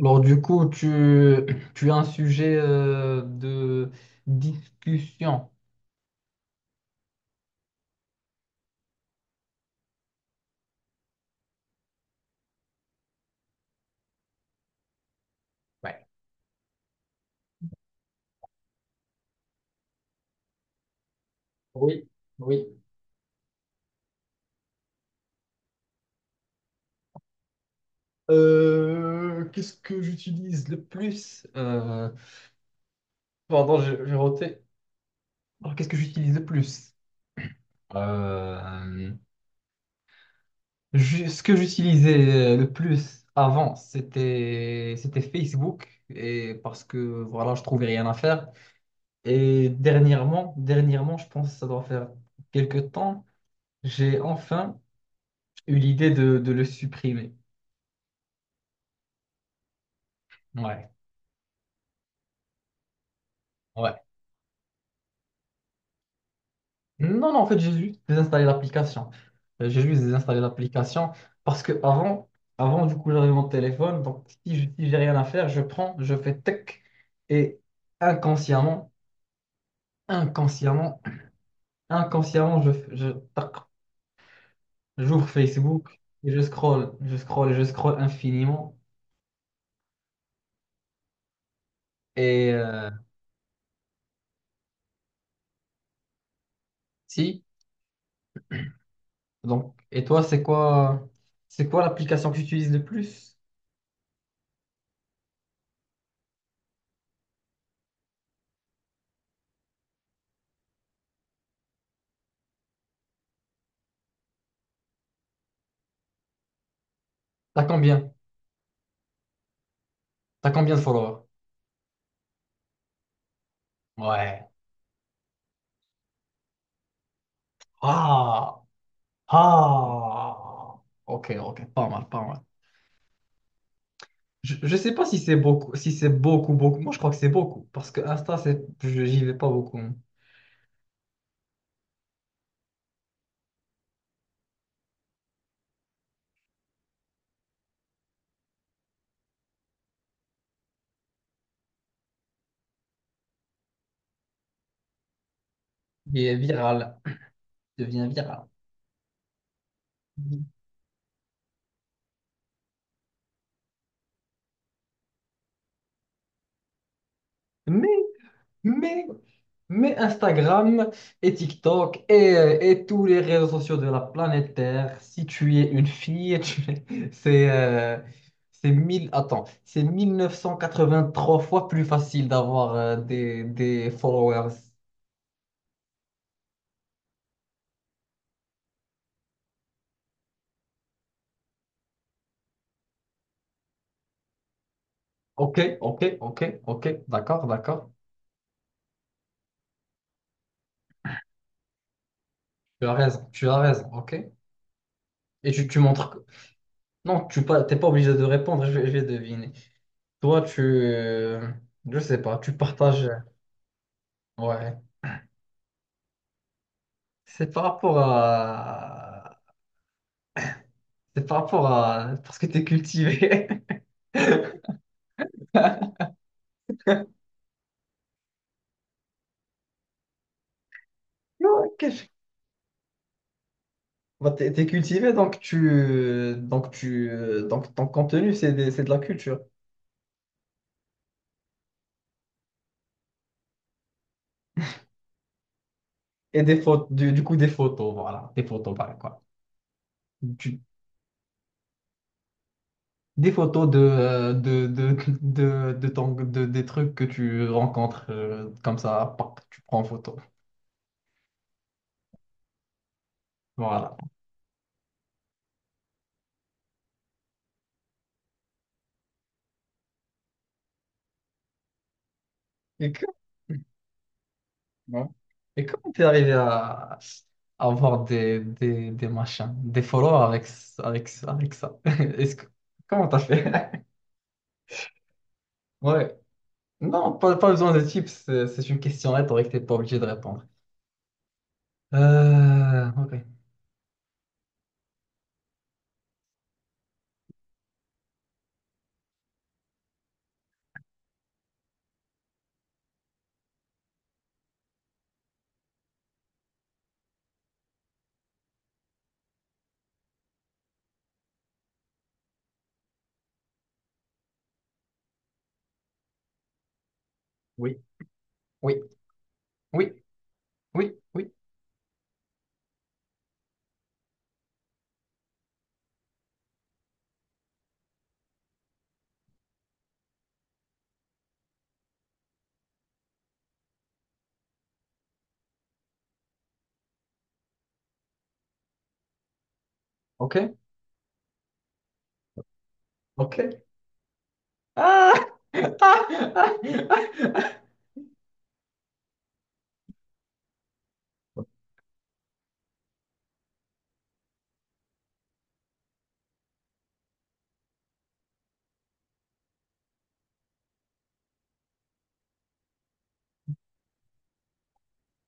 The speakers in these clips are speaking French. Alors du coup, tu as un sujet de discussion. Ouais. Oui, oui. Qu'est-ce que j'utilise le plus? Pardon, j'ai roté. Alors qu'est-ce que j'utilise le plus? Euh, ce que j'utilisais le plus avant, c'était Facebook et parce que voilà, je trouvais rien à faire. Et dernièrement, je pense que ça doit faire quelques temps, j'ai enfin eu l'idée de le supprimer. Ouais, ouais. Non, non, en fait, j'ai juste désinstallé l'application. J'ai juste désinstallé l'application parce que avant, avant du coup, j'avais mon téléphone. Donc, si j'ai rien à faire, je prends, je fais tech et inconsciemment, inconsciemment, inconsciemment, je, tac, j'ouvre Facebook et je scroll et je scroll infiniment. Et si, donc, et toi, c'est quoi l'application que tu utilises le plus? T'as combien? T'as combien de followers? Ouais. Ah, ah. Ok, ok, pas mal, pas mal. Je sais pas si c'est beaucoup, si c'est beaucoup, beaucoup. Moi, je crois que c'est beaucoup parce que Insta, j'y vais pas beaucoup, hein. Il est viral, il devient viral. Mais Mais, mais Instagram et TikTok et tous les réseaux sociaux de la planète Terre, si tu es une fille, c'est mille, attends, c'est trois fois plus facile d'avoir des followers. Ok, ok, ok, ok, d'accord, d'accord. Tu as raison, ok. Et tu montres que... Non, tu pas, t'es pas obligé de répondre, je vais deviner. Toi, tu... euh, je sais pas, tu partages... Ouais. C'est par rapport à. C'est par rapport à. Parce que t'es cultivé. Non, qu'est-ce- Bah, t'es cultivé, donc tu. Donc tu. Donc ton contenu, c'est de la culture. Et des photos des photos, voilà. Des photos, pareil, quoi. Du- Des photos de, des trucs que tu rencontres comme ça, pop, tu prends en photo. Voilà. D'accord. Ouais. Et comment t'es arrivé à avoir des machins, des followers avec, ce- avec, ce- avec ça? Comment t'as fait? Ouais. Non, pas besoin de tips, c'est une question rhétorique, t'es pas obligé de répondre. Ok. Oui. Oui. Oui. Oui. Oui. Ok. Ok. Ah! Ah! Ah!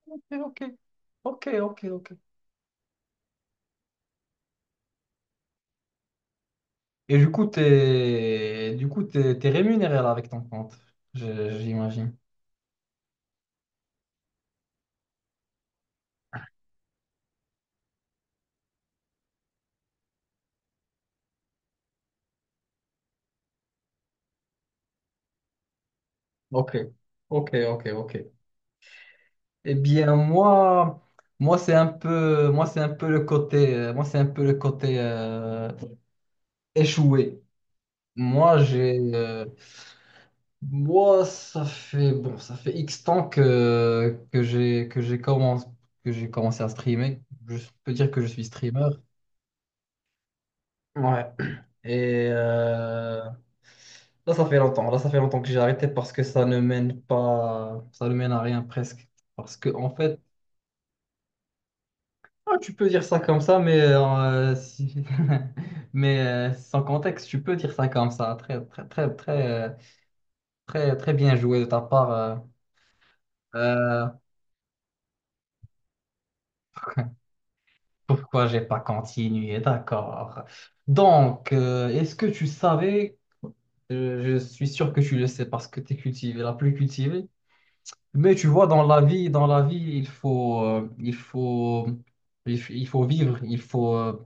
Ok. Ok. Ok. Ok. Et du coup, t'es rémunéré là avec ton compte, j'imagine. Ok, ok, ok, ok. Eh bien, moi, moi c'est un peu, moi c'est un peu le côté, moi c'est un peu le côté échoué. Moi, moi, ça fait bon, ça fait X temps que j'ai commencé, que j'ai commencé à streamer. Je peux dire que je suis streamer. Ouais. Et là, ça fait longtemps. Là, ça fait longtemps que j'ai arrêté parce que ça ne mène pas, ça ne mène à rien presque. Parce que, en fait, ah, tu peux dire ça comme ça, mais, mais sans contexte, tu peux dire ça comme ça. Très, très, très bien joué de ta part, Euh, pourquoi j'ai pas continué? D'accord. Donc, est-ce que tu savais, je suis sûr que tu le sais parce que tu es cultivé, la plus cultivée, mais tu vois, dans la vie, il faut, il faut vivre, il faut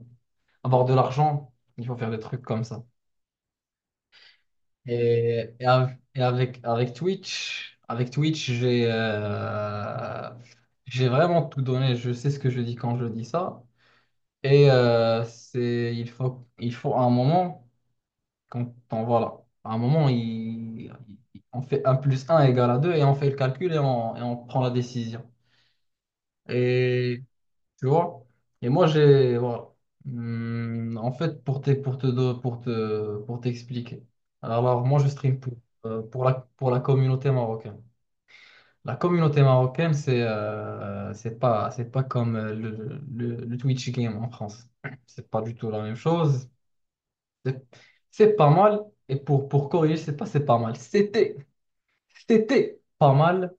avoir de l'argent, il faut faire des trucs comme ça. Et, et avec Twitch, j'ai vraiment tout donné. Je sais ce que je dis quand je dis ça. Et c'est, il faut un moment, quand on, voilà, à un moment, on fait un plus un égale à 2 et on fait le calcul et et on prend la décision. Et tu vois? Et moi, j'ai. Voilà. En fait, pour te, pour t'expliquer. Alors, moi, je stream pour, pour la communauté marocaine. La communauté marocaine, c'est c'est pas comme le Twitch game en France. C'est pas du tout la même chose. C'est c'est pas mal. Et pour corriger, c'est pas mal. C'était pas mal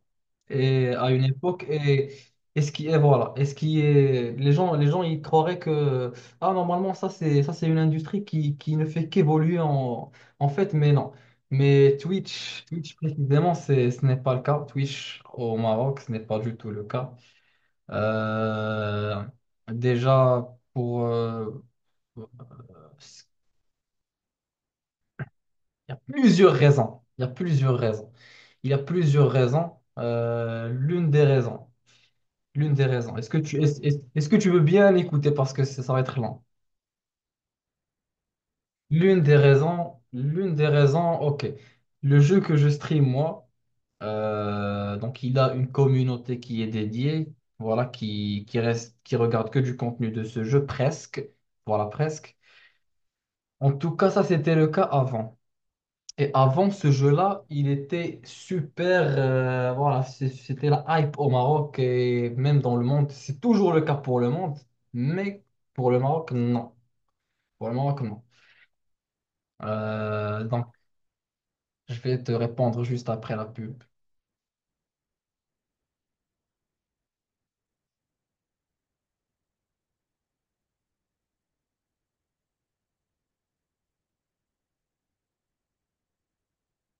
et à une époque et ce qui est voilà et ce qui est les gens ils croiraient que ah normalement ça c'est une industrie qui ne fait qu'évoluer en fait mais non mais Twitch précisément c'est ce n'est pas le cas Twitch au Maroc ce n'est pas du tout le cas. Euh, déjà pour il il y a plusieurs raisons il y a plusieurs raisons. Euh, l'une des raisons L'une des raisons. Est-ce que tu, est-ce que tu veux bien écouter parce que ça va être lent? L'une des raisons, ok. Le jeu que je stream, moi, donc il a une communauté qui est dédiée, voilà, qui reste, qui regarde que du contenu de ce jeu, presque. Voilà, presque. En tout cas, ça, c'était le cas avant. Et avant ce jeu-là, il était super. C'était la hype au Maroc et même dans le monde. C'est toujours le cas pour le monde, mais pour le Maroc, non. Pour le Maroc, non. Donc, je vais te répondre juste après la pub.